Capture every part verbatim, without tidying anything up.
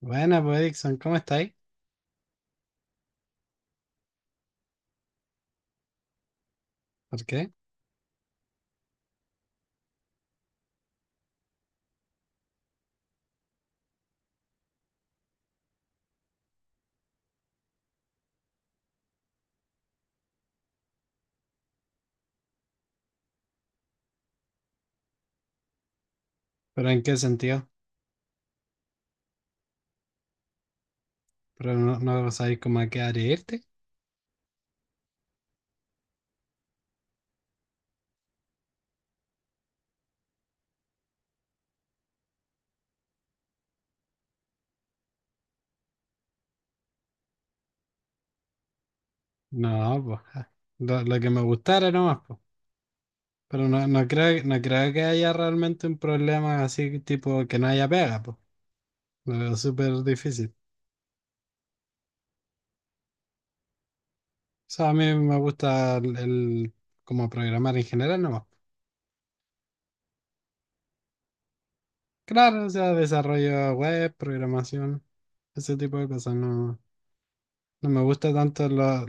Buena, pues Dixon, ¿cómo estáis? ¿Por qué? ¿Pero en qué sentido? ¿Pero no, no sabéis cómo a qué área irte? No, pues ja, lo, lo que me gustara nomás, pues. Pero no, no creo, no creo que haya realmente un problema así, tipo que no haya pega, pues. Lo veo súper difícil. O sea, a mí me gusta el, el- como programar en general nomás. Claro, o sea, desarrollo web, programación, ese tipo de cosas. No, no me gusta tanto lo…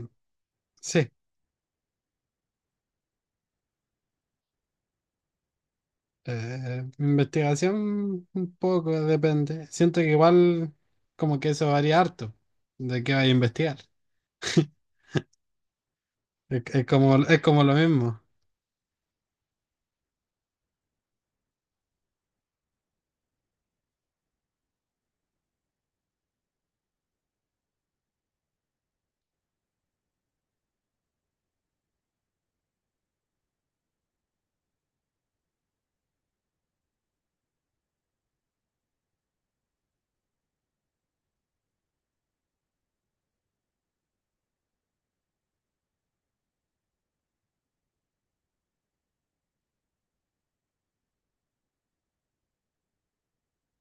Sí. Eh, investigación un poco, depende. Siento que igual como que eso varía harto de qué vaya a investigar. Es, es como, es como lo mismo.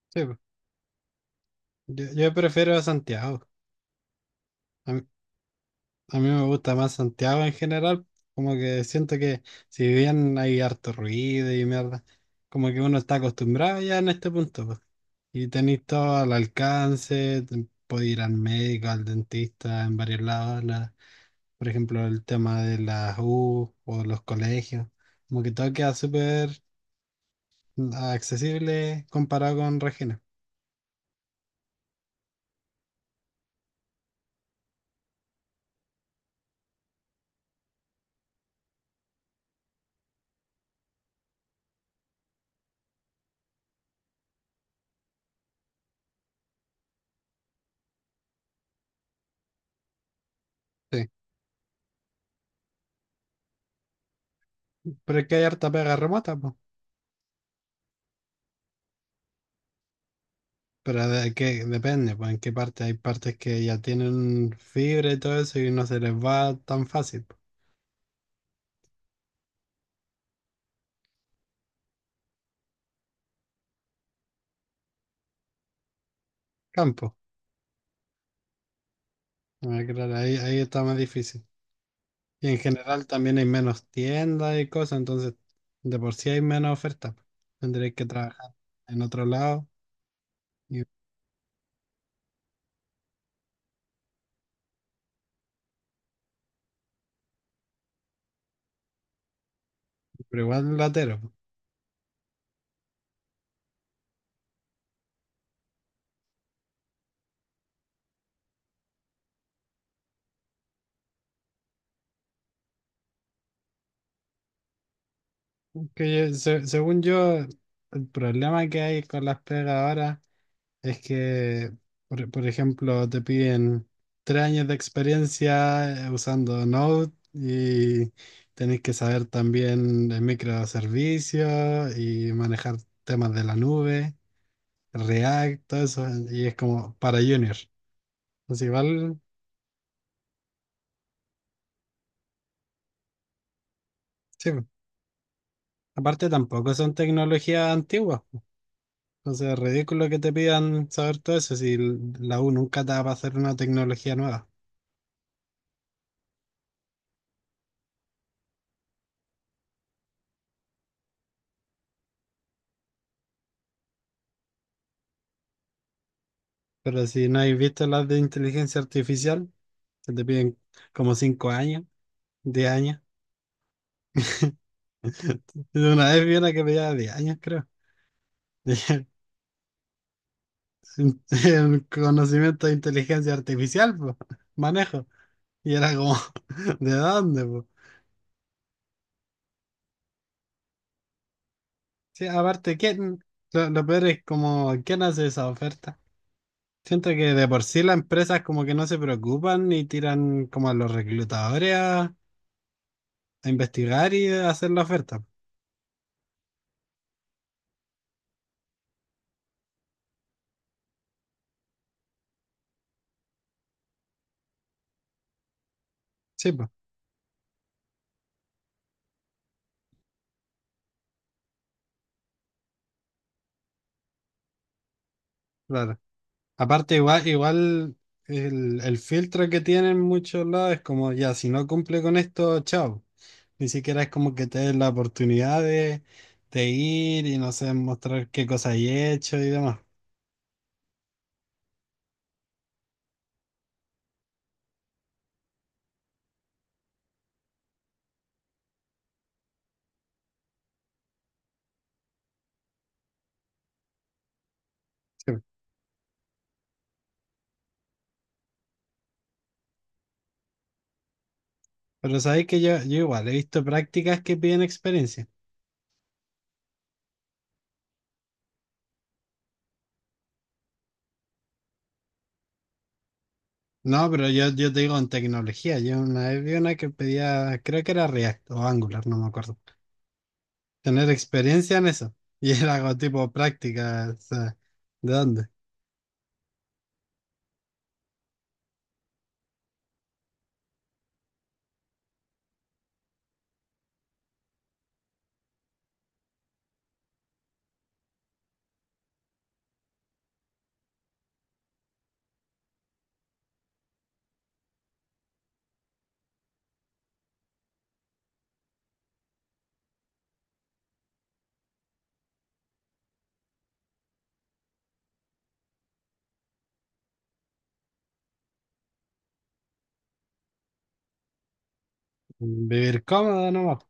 Sí, po. yo, yo prefiero a Santiago. A mí, a mí me gusta más Santiago en general. Como que siento que si bien hay harto ruido y mierda, como que uno está acostumbrado ya en este punto, po. Y tenéis todo al alcance, te- podéis ir al médico, al dentista, en varios lados. Por ejemplo, el tema de las U o los colegios. Como que todo queda súper accesible comparado con Regina. Sí. Pero es que hay harta pega remota, pues. Pero de qué depende, pues en qué parte. Hay partes que ya tienen fibra y todo eso y no se les va tan fácil, po. Campo. Ah, claro, ahí, ahí está más difícil. Y en general también hay menos tiendas y cosas, entonces de por sí hay menos oferta, po. Tendréis que trabajar en otro lado, y, pero igual latero. Que yo- se- según yo, el problema que hay con las pegas ahora es que, por, por ejemplo, te piden tres años de experiencia, eh, usando Node, y tenés que saber también de microservicios y manejar temas de la nube, React, todo eso, y es como para junior. Así igual, sí. Aparte tampoco son tecnologías antiguas. Entonces es ridículo que te pidan saber todo eso si l- la U nunca te va a pasar una tecnología nueva. Pero si no habéis visto las de inteligencia artificial, que te piden como cinco años, diez años. Una vez vi una que pedía diez años, creo. Dije, el conocimiento de inteligencia artificial, po, manejo. Y era como, ¿de dónde, po? Sí, aparte, ¿quién? Lo, lo peor es como, ¿quién hace esa oferta? Siento que de por sí las empresas como que no se preocupan y tiran como a los reclutadores a, a investigar y a hacer la oferta. Sí, pues, claro. Aparte, igual, igual el, el filtro que tienen muchos lados es como, ya, si no cumple con esto, chao. Ni siquiera es como que te den la oportunidad de, de ir y no sé, mostrar qué cosas he hecho y demás. Sí, pues. Pero sabéis que yo, yo igual he visto prácticas que piden experiencia. No, pero yo, yo te digo en tecnología. Yo una vez vi una que pedía, creo que era React o Angular, no me acuerdo. Tener experiencia en eso. Y era algo tipo práctica. O sea, ¿de dónde? Vivir cómodo nomás,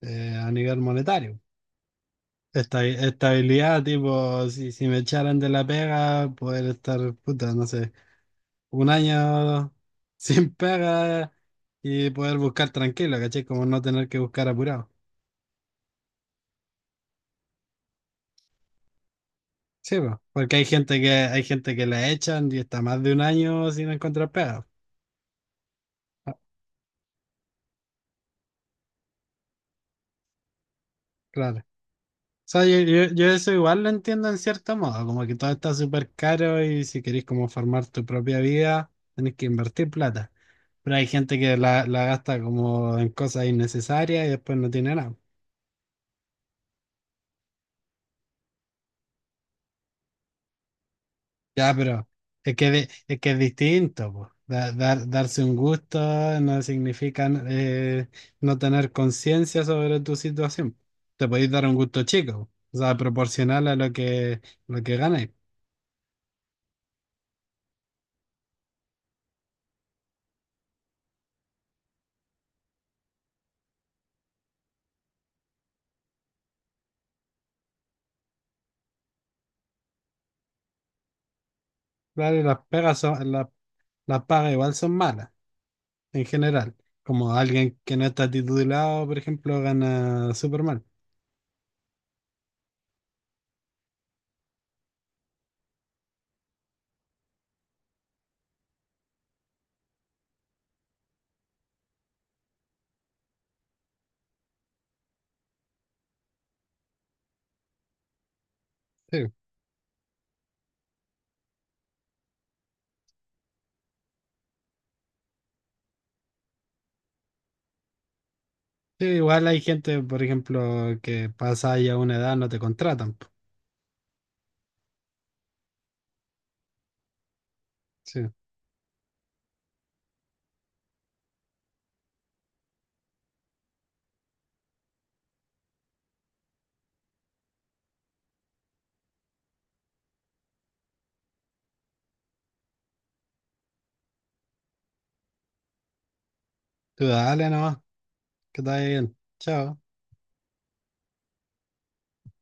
eh, a nivel monetario. Esta, estabilidad, tipo, si, si me echaran de la pega, poder estar, puta, no sé, un año sin pega y poder buscar tranquilo, ¿cachai? Como no tener que buscar apurado. Sí, po, porque hay gente que hay gente que la echan y está más de un año sin encontrar pega. Ah, claro. O sea, yo, yo- yo eso igual lo entiendo en cierto modo, como que todo está súper caro y si querés como formar tu propia vida, tenés que invertir plata. Pero hay gente que la, la gasta como en cosas innecesarias y después no tiene nada. Ya, pero es que, de- es que es distinto, po. Da- dar- darse un gusto no significa, eh, no tener conciencia sobre tu situación. Te podéis dar un gusto chico, o sea, proporcional a lo que, lo que ganáis. Claro, y las pegas son, la- las pagas igual son malas, en general. Como alguien que no está titulado, por ejemplo, gana súper mal. Sí. Sí, igual hay gente, por ejemplo, que pasa ya una edad, no te contratan, po. Sí. Tú dale nomás, que te vaya bien. Chao.